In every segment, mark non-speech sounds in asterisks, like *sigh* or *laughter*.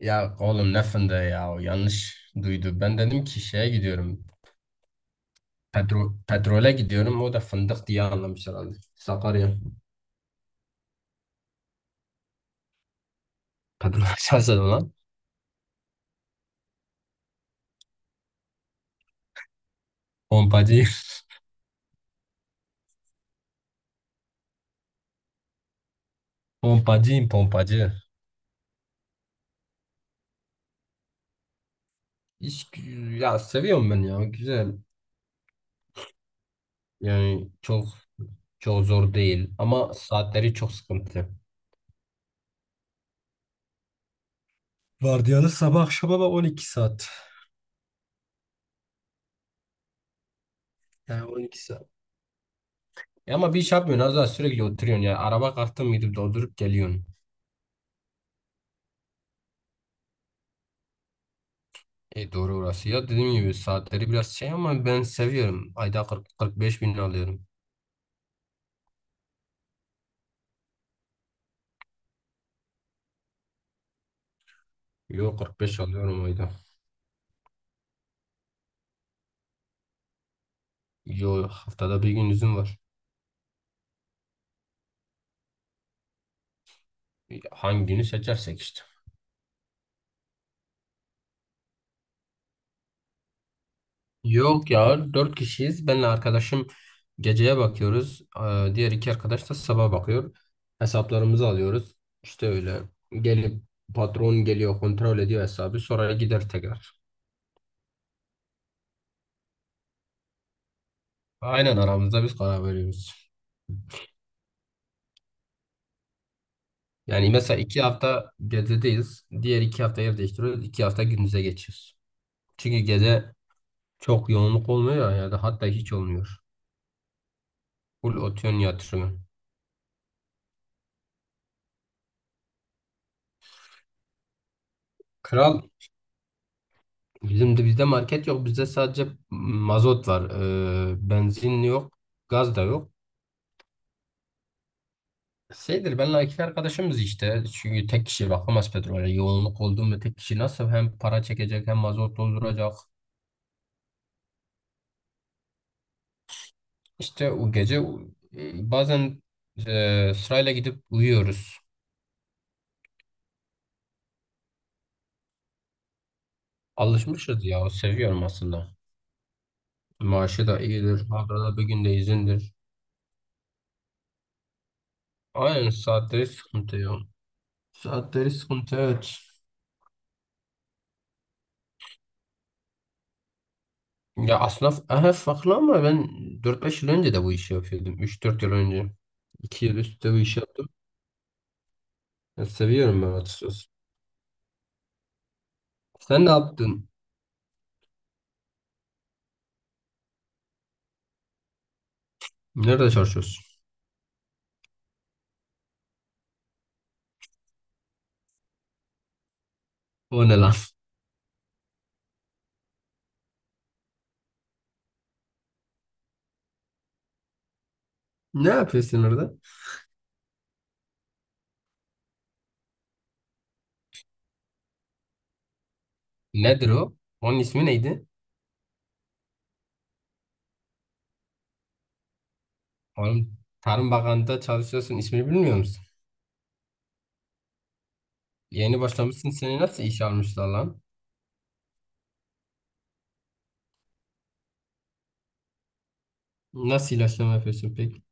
Ya oğlum ne fındığı ya o yanlış duydu. Ben dedim ki şeye gidiyorum. Petrole gidiyorum. O da fındık diye anlamış herhalde. Sakarya. Petrol *laughs* açarsa lan. Pompacı. *laughs* Pompacıyım pompacı. İş, ya seviyorum ben ya. Güzel. Yani çok çok zor değil. Ama saatleri çok sıkıntı. Vardiyalı sabah akşama bak 12 saat. Yani 12 saat. Ya ama bir iş yapmıyorsun. Az daha sürekli oturuyorsun ya. Araba kalktın mı gidip doldurup geliyorsun. E doğru orası. Ya dediğim gibi saatleri biraz şey ama ben seviyorum. Ayda 40-45 bin alıyorum. Yo 45 alıyorum ayda. Yo haftada bir gün izin var. Hangi günü seçersek işte. Yok ya 4 kişiyiz. Benle arkadaşım geceye bakıyoruz. Diğer 2 arkadaş da sabah bakıyor. Hesaplarımızı alıyoruz. İşte öyle. Gelip patron geliyor kontrol ediyor hesabı. Sonra gider tekrar. Aynen aramızda biz karar veriyoruz. Yani mesela 2 hafta gecedeyiz. Diğer 2 hafta yer değiştiriyoruz. 2 hafta gündüze geçiyoruz. Çünkü gece çok yoğunluk olmuyor ya da hatta hiç olmuyor. Full otuyon yatırımı. Kral bizim de bizde market yok. Bizde sadece mazot var. Benzin yok. Gaz da yok. Şeydir benle 2 arkadaşımız işte. Çünkü tek kişi bakamaz petrole. Yoğunluk oldu mu tek kişi nasıl hem para çekecek hem mazot dolduracak. İşte o gece bazen sırayla gidip uyuyoruz. Alışmışız ya. Seviyorum aslında. Maaşı da iyidir. Haftada bir günde izindir. Aynen saatleri sıkıntı ya. Saatleri sıkıntı evet. Ya aslında aha, farklı ama ben 4-5 yıl önce de bu işi yapıyordum. 3-4 yıl önce. 2 yıl üstte bu işi yaptım. Ya seviyorum ben açıkçası. Sen ne yaptın? Nerede çalışıyorsun? O ne lan? *laughs* Ne yapıyorsun orada? Nedir o? Onun ismi neydi? Oğlum Tarım Bakanlığı'nda çalışıyorsun. İsmini bilmiyor musun? Yeni başlamışsın. Seni nasıl işe almışlar lan? Nasıl ilaçlama yapıyorsun peki?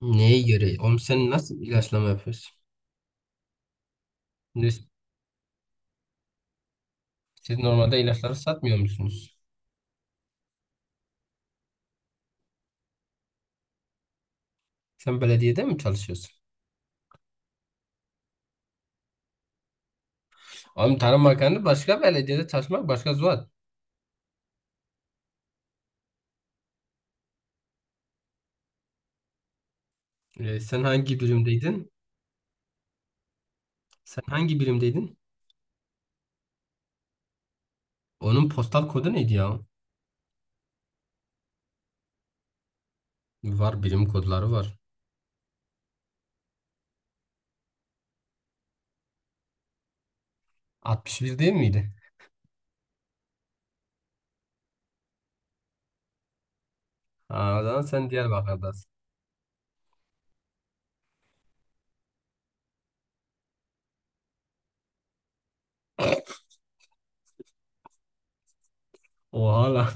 Neye göre? Oğlum sen nasıl ilaçlama yapıyorsun? Siz siz normalde ilaçları satmıyor musunuz? Sen belediyede mi çalışıyorsun? Oğlum Tarım Bakanı başka belediyede çalışmak başka zuhal. Sen hangi birimdeydin? Sen hangi birimdeydin? Onun postal kodu neydi ya? Var birim kodları var. 61 değil miydi? Ha, o zaman sen Diyarbakır'dasın. Oha lan.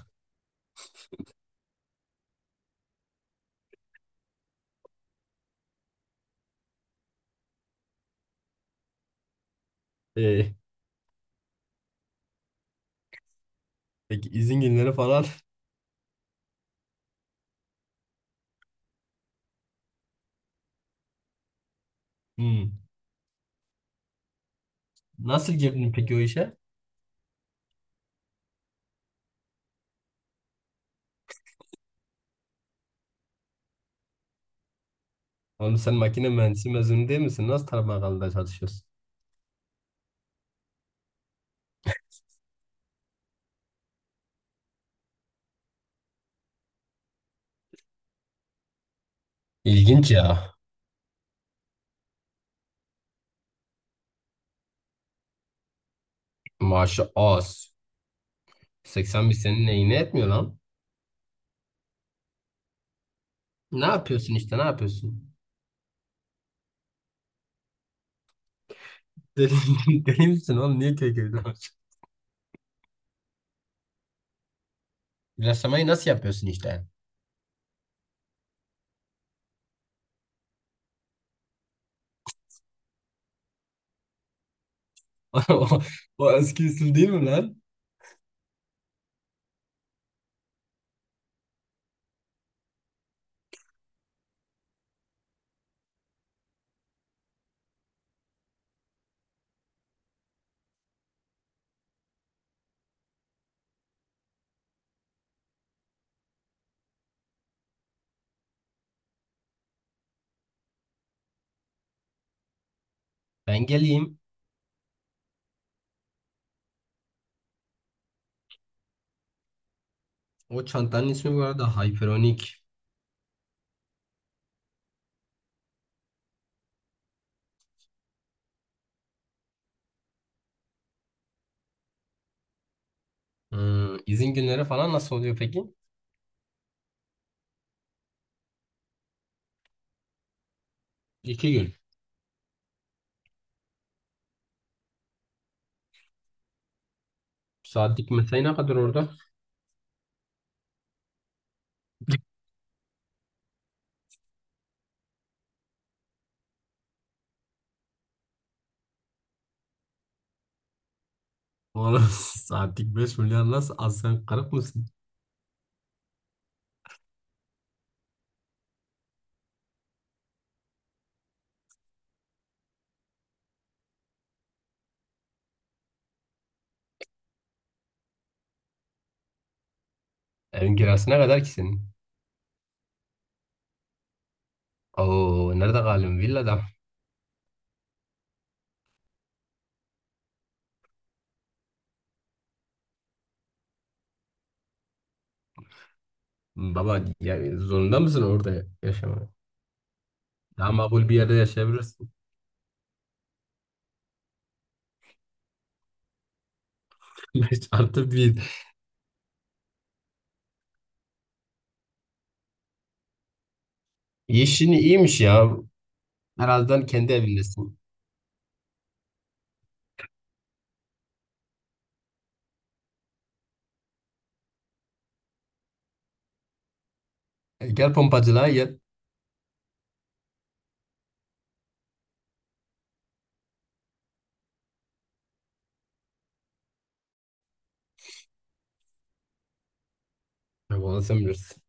Ee, peki izin günleri falan. Hmm. Nasıl girdin peki o işe? Oğlum sen makine mühendisi mezunu değil misin? Nasıl tarım çalışıyorsun? İlginç ya. Maaşı az. 80 bin senin neyine etmiyor lan? Ne yapıyorsun işte ne yapıyorsun? Deli, *laughs* deli misin oğlum? Niye köy köyde maaş? İlaçlamayı nasıl yapıyorsun işte? *laughs* O, o eski usul değil mi lan? Ben geleyim. O çantanın ismi bu arada Hyperonic. Hmm, izin günleri falan nasıl oluyor peki? 2 gün. Saatlik mesai ne kadar orada? Oğlum *laughs* saatlik 5 milyar nasıl az sen kırık mısın? Evin kirası ne kadar ki senin? Oo nerede kalayım? Villada. Baba ya, zorunda mısın orada yaşamaya? Daha makul bir yerde yaşayabilirsin. *laughs* 5 artı bir. Yeşini iyiymiş ya. Herhalde kendi evindesin. E, gel pompacılığa gel. Ne sen bilirsin.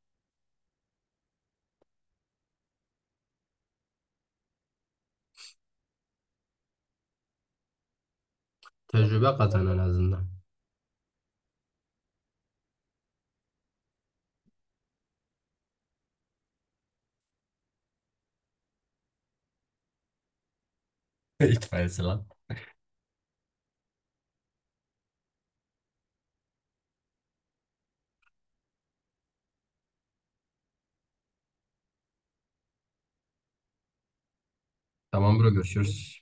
Tecrübe kazan en azından. *laughs* İtfaiyesi lan. Tamam bro görüşürüz.